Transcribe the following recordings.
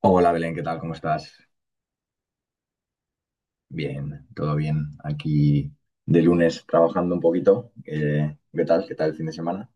Hola Belén, ¿qué tal? ¿Cómo estás? Bien, todo bien. Aquí de lunes trabajando un poquito. ¿Qué tal? ¿Qué tal el fin de semana?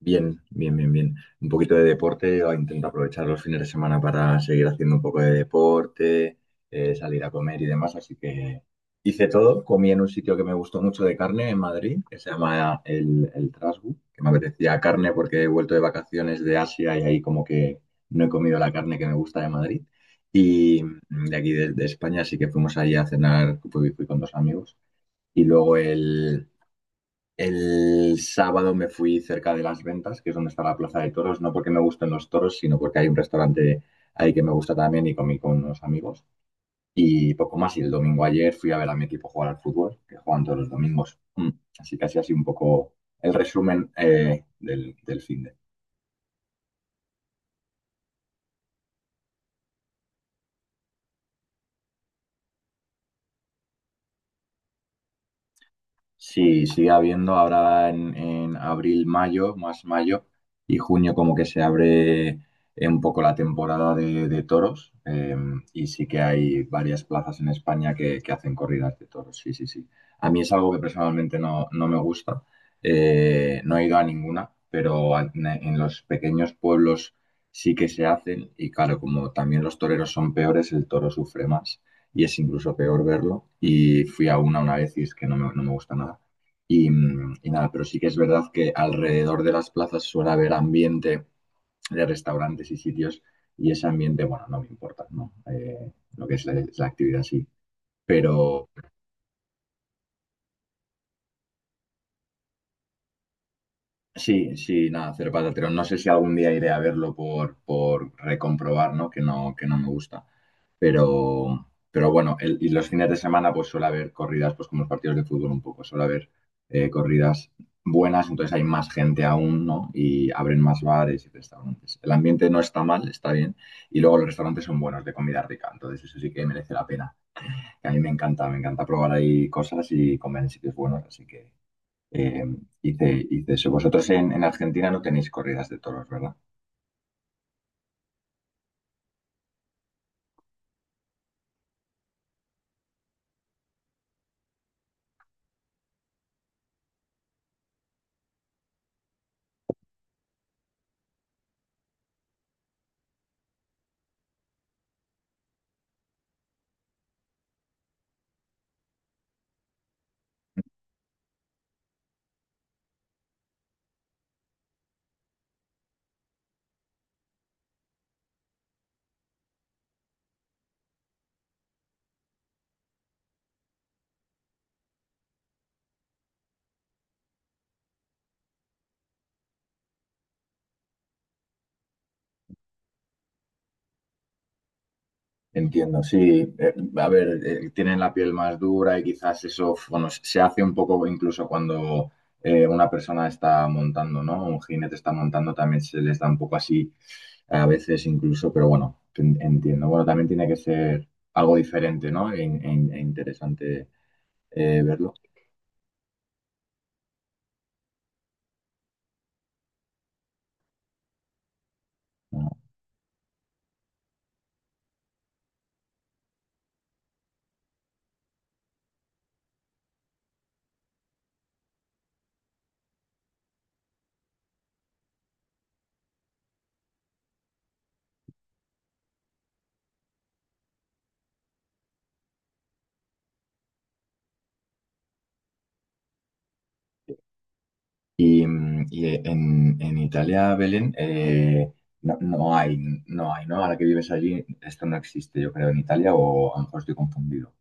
Bien, bien, bien, bien. Un poquito de deporte, o intento aprovechar los fines de semana para seguir haciendo un poco de deporte, salir a comer y demás, así que hice todo. Comí en un sitio que me gustó mucho de carne en Madrid, que se llama el Trasgu, que me apetecía carne porque he vuelto de vacaciones de Asia y ahí como que no he comido la carne que me gusta de Madrid. Y de aquí de España, así que fuimos ahí a cenar, fui con dos amigos. Y luego el... El sábado me fui cerca de Las Ventas, que es donde está la Plaza de Toros, no porque me gusten los toros, sino porque hay un restaurante ahí que me gusta también y comí con unos amigos. Y poco más, y el domingo ayer fui a ver a mi equipo jugar al fútbol, que juegan todos los domingos. Así que así un poco el resumen del fin de. Sí, sigue habiendo ahora en abril, mayo, más mayo y junio como que se abre un poco la temporada de toros, y sí que hay varias plazas en España que hacen corridas de toros, sí, sí, sí. A mí es algo que personalmente no me gusta, no he ido a ninguna, pero en los pequeños pueblos sí que se hacen y claro, como también los toreros son peores, el toro sufre más y es incluso peor verlo. Y fui a una vez y es que no me gusta nada. Y nada, pero sí que es verdad que alrededor de las plazas suele haber ambiente de restaurantes y sitios y ese ambiente, bueno, no me importa, ¿no? Lo que es es la actividad, sí. Pero, sí, sí, nada, cero pataterón. No sé si algún día iré a verlo por recomprobar, ¿no? Que no, que no me gusta. Pero bueno, y los fines de semana pues suele haber corridas, pues como los partidos de fútbol un poco, suele haber corridas buenas, entonces hay más gente aún, ¿no? Y abren más bares y restaurantes. El ambiente no está mal, está bien. Y luego los restaurantes son buenos de comida rica, entonces eso sí que merece la pena. Que a mí me encanta probar ahí cosas y comer en sitios buenos, así que eh, hice eso. Vosotros en Argentina no tenéis corridas de toros, ¿verdad? Entiendo, sí. A ver, tienen la piel más dura y quizás eso, bueno, se hace un poco incluso cuando una persona está montando, ¿no? Un jinete está montando, también se les da un poco así a veces incluso, pero bueno, entiendo. Bueno, también tiene que ser algo diferente, ¿no? E interesante, verlo. En Italia, Belén, no hay, no hay, ¿no? Ahora que vives allí, esto no existe, yo creo, en Italia, o a lo mejor estoy confundido.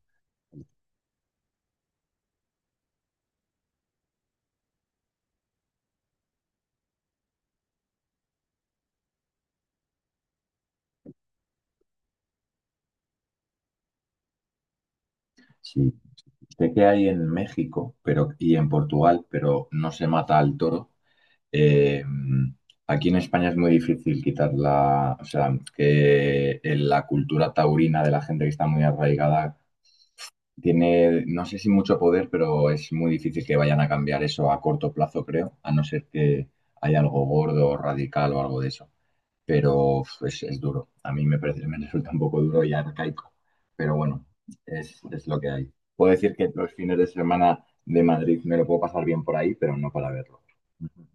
Sí, sé que hay en México pero, y en Portugal, pero no se mata al toro. Eh, mm, Aquí en España es muy difícil quitar la, o sea, que en la cultura taurina de la gente que está muy arraigada tiene, no sé si mucho poder, pero es muy difícil que vayan a cambiar eso a corto plazo, creo, a no ser que haya algo gordo, radical o algo de eso. Pero uf, es duro. A mí me parece, me resulta un poco duro y arcaico. Pero bueno, es lo que hay. Puedo decir que los fines de semana de Madrid me lo puedo pasar bien por ahí, pero no para verlo. Ujú.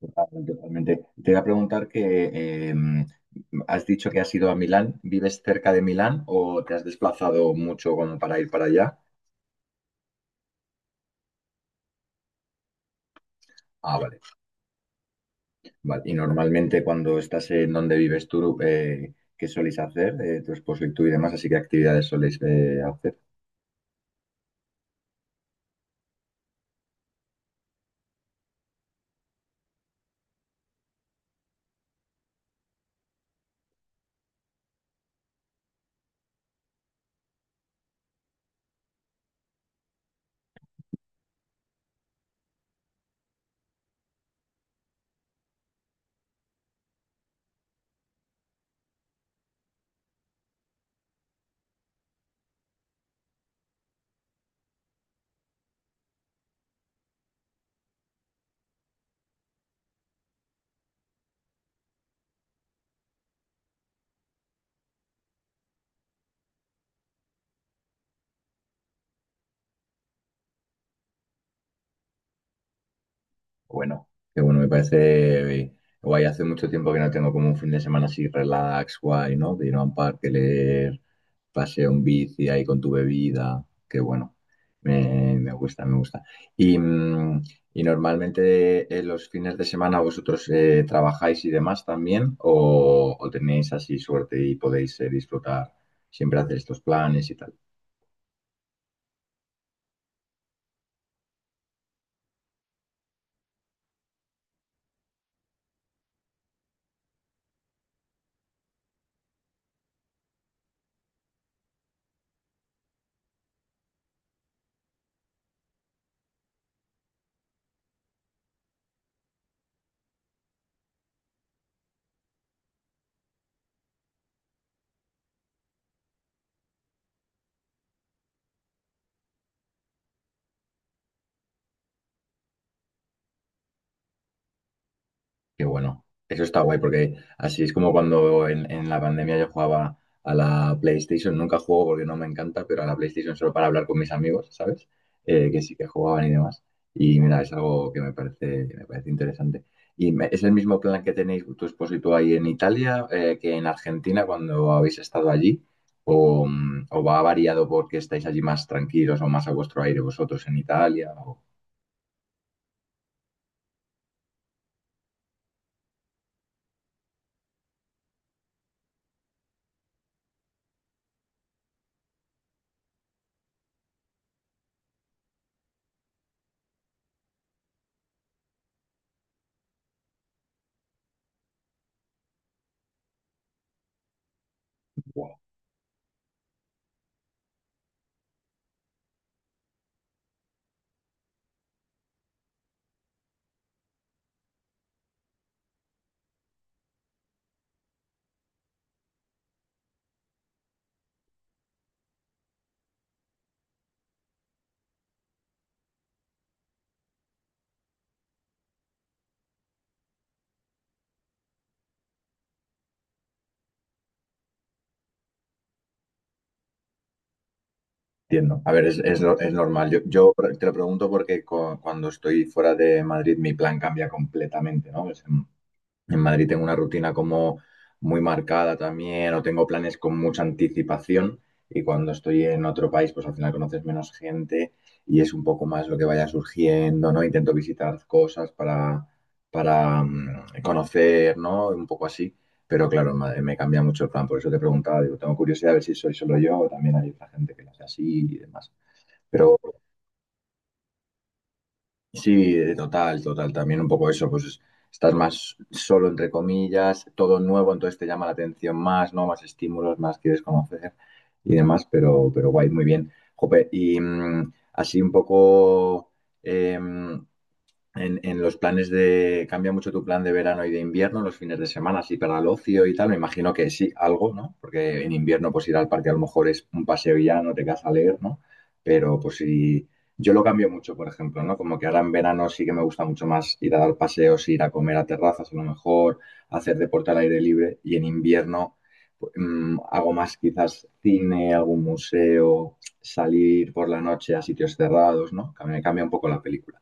Totalmente, totalmente. Te voy a preguntar que eh, has dicho que has ido a Milán. ¿Vives cerca de Milán o te has desplazado mucho como para ir para allá? Ah, vale, vale. Y normalmente cuando estás en donde vives tú, ¿qué soléis hacer? Tu esposo y tú y demás, así que actividades soléis hacer. Bueno, qué bueno, me parece guay. Hace mucho tiempo que no tengo como un fin de semana así relax, guay, ¿no? De ir a un parque, leer, paseo en bici ahí con tu bebida. Qué bueno. Me gusta, me gusta. Y, mm, y normalmente en los fines de semana vosotros trabajáis y demás también, o tenéis así suerte y podéis disfrutar, siempre hacer estos planes y tal. Qué bueno. Eso está guay porque así es como cuando en la pandemia yo jugaba a la PlayStation. Nunca juego porque no me encanta, pero a la PlayStation solo para hablar con mis amigos, ¿sabes? Que sí que jugaban y demás. Y mira, es algo que me parece interesante. ¿Y es el mismo plan que tenéis tu esposo y tú ahí en Italia, que en Argentina cuando habéis estado allí? ¿O, mm, o va variado porque estáis allí más tranquilos o más a vuestro aire vosotros en Italia? O... Entiendo. A ver, es, no- es normal. Yo te lo pregunto porque cuando estoy fuera de Madrid mi plan cambia completamente, ¿no? Es, en Madrid tengo una rutina como muy marcada también, o tengo planes con mucha anticipación. Y cuando estoy en otro país, pues al final conoces menos gente y es un poco más lo que vaya surgiendo, ¿no? Intento visitar cosas para conocer, ¿no? Un poco así. Pero claro, me cambia mucho el plan. Por eso te preguntaba, digo, tengo curiosidad a ver si soy solo yo o también hay otra gente que lo hace así y demás. Pero sí, total, total. También un poco eso, pues estás más solo, entre comillas, todo nuevo, entonces te llama la atención más, ¿no? Más estímulos, más quieres conocer y demás, pero guay, muy bien. Jope, así un poco, em, en los planes de... Cambia mucho tu plan de verano y de invierno, los fines de semana, así para el ocio y tal. Me imagino que sí, algo, ¿no? Porque en invierno, pues ir al parque a lo mejor es un paseo y ya no te quedas a leer, ¿no? Pero pues si... Yo lo cambio mucho, por ejemplo, ¿no? Como que ahora en verano sí que me gusta mucho más ir a dar paseos, ir a comer a terrazas a lo mejor, hacer deporte al aire libre y en invierno pues, hago más quizás cine, algún museo, salir por la noche a sitios cerrados, ¿no? Que me cambia un poco la película.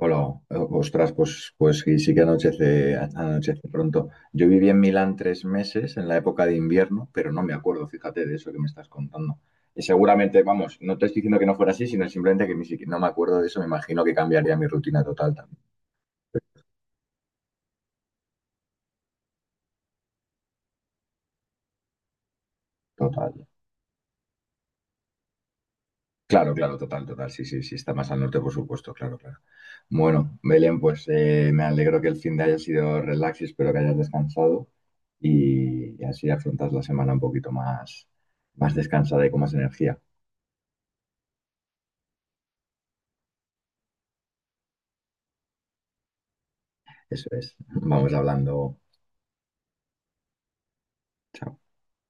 Hola, ostras, pues sí, sí que anochece, anochece pronto. Yo viví en Milán 3 meses en la época de invierno, pero no me acuerdo, fíjate, de eso que me estás contando. Y seguramente, vamos, no te estoy diciendo que no fuera así, sino simplemente que ni siquiera no me acuerdo de eso, me imagino que cambiaría mi rutina total también. Total. Claro, claro, total, total. Sí, sí, sí, está más al norte, por supuesto, claro, claro. Bueno, Belén, pues me alegro que el fin de haya sido relax y espero que hayas descansado y así afrontas la semana un poquito más, más descansada y con más energía. Eso es. Vamos hablando. Chao.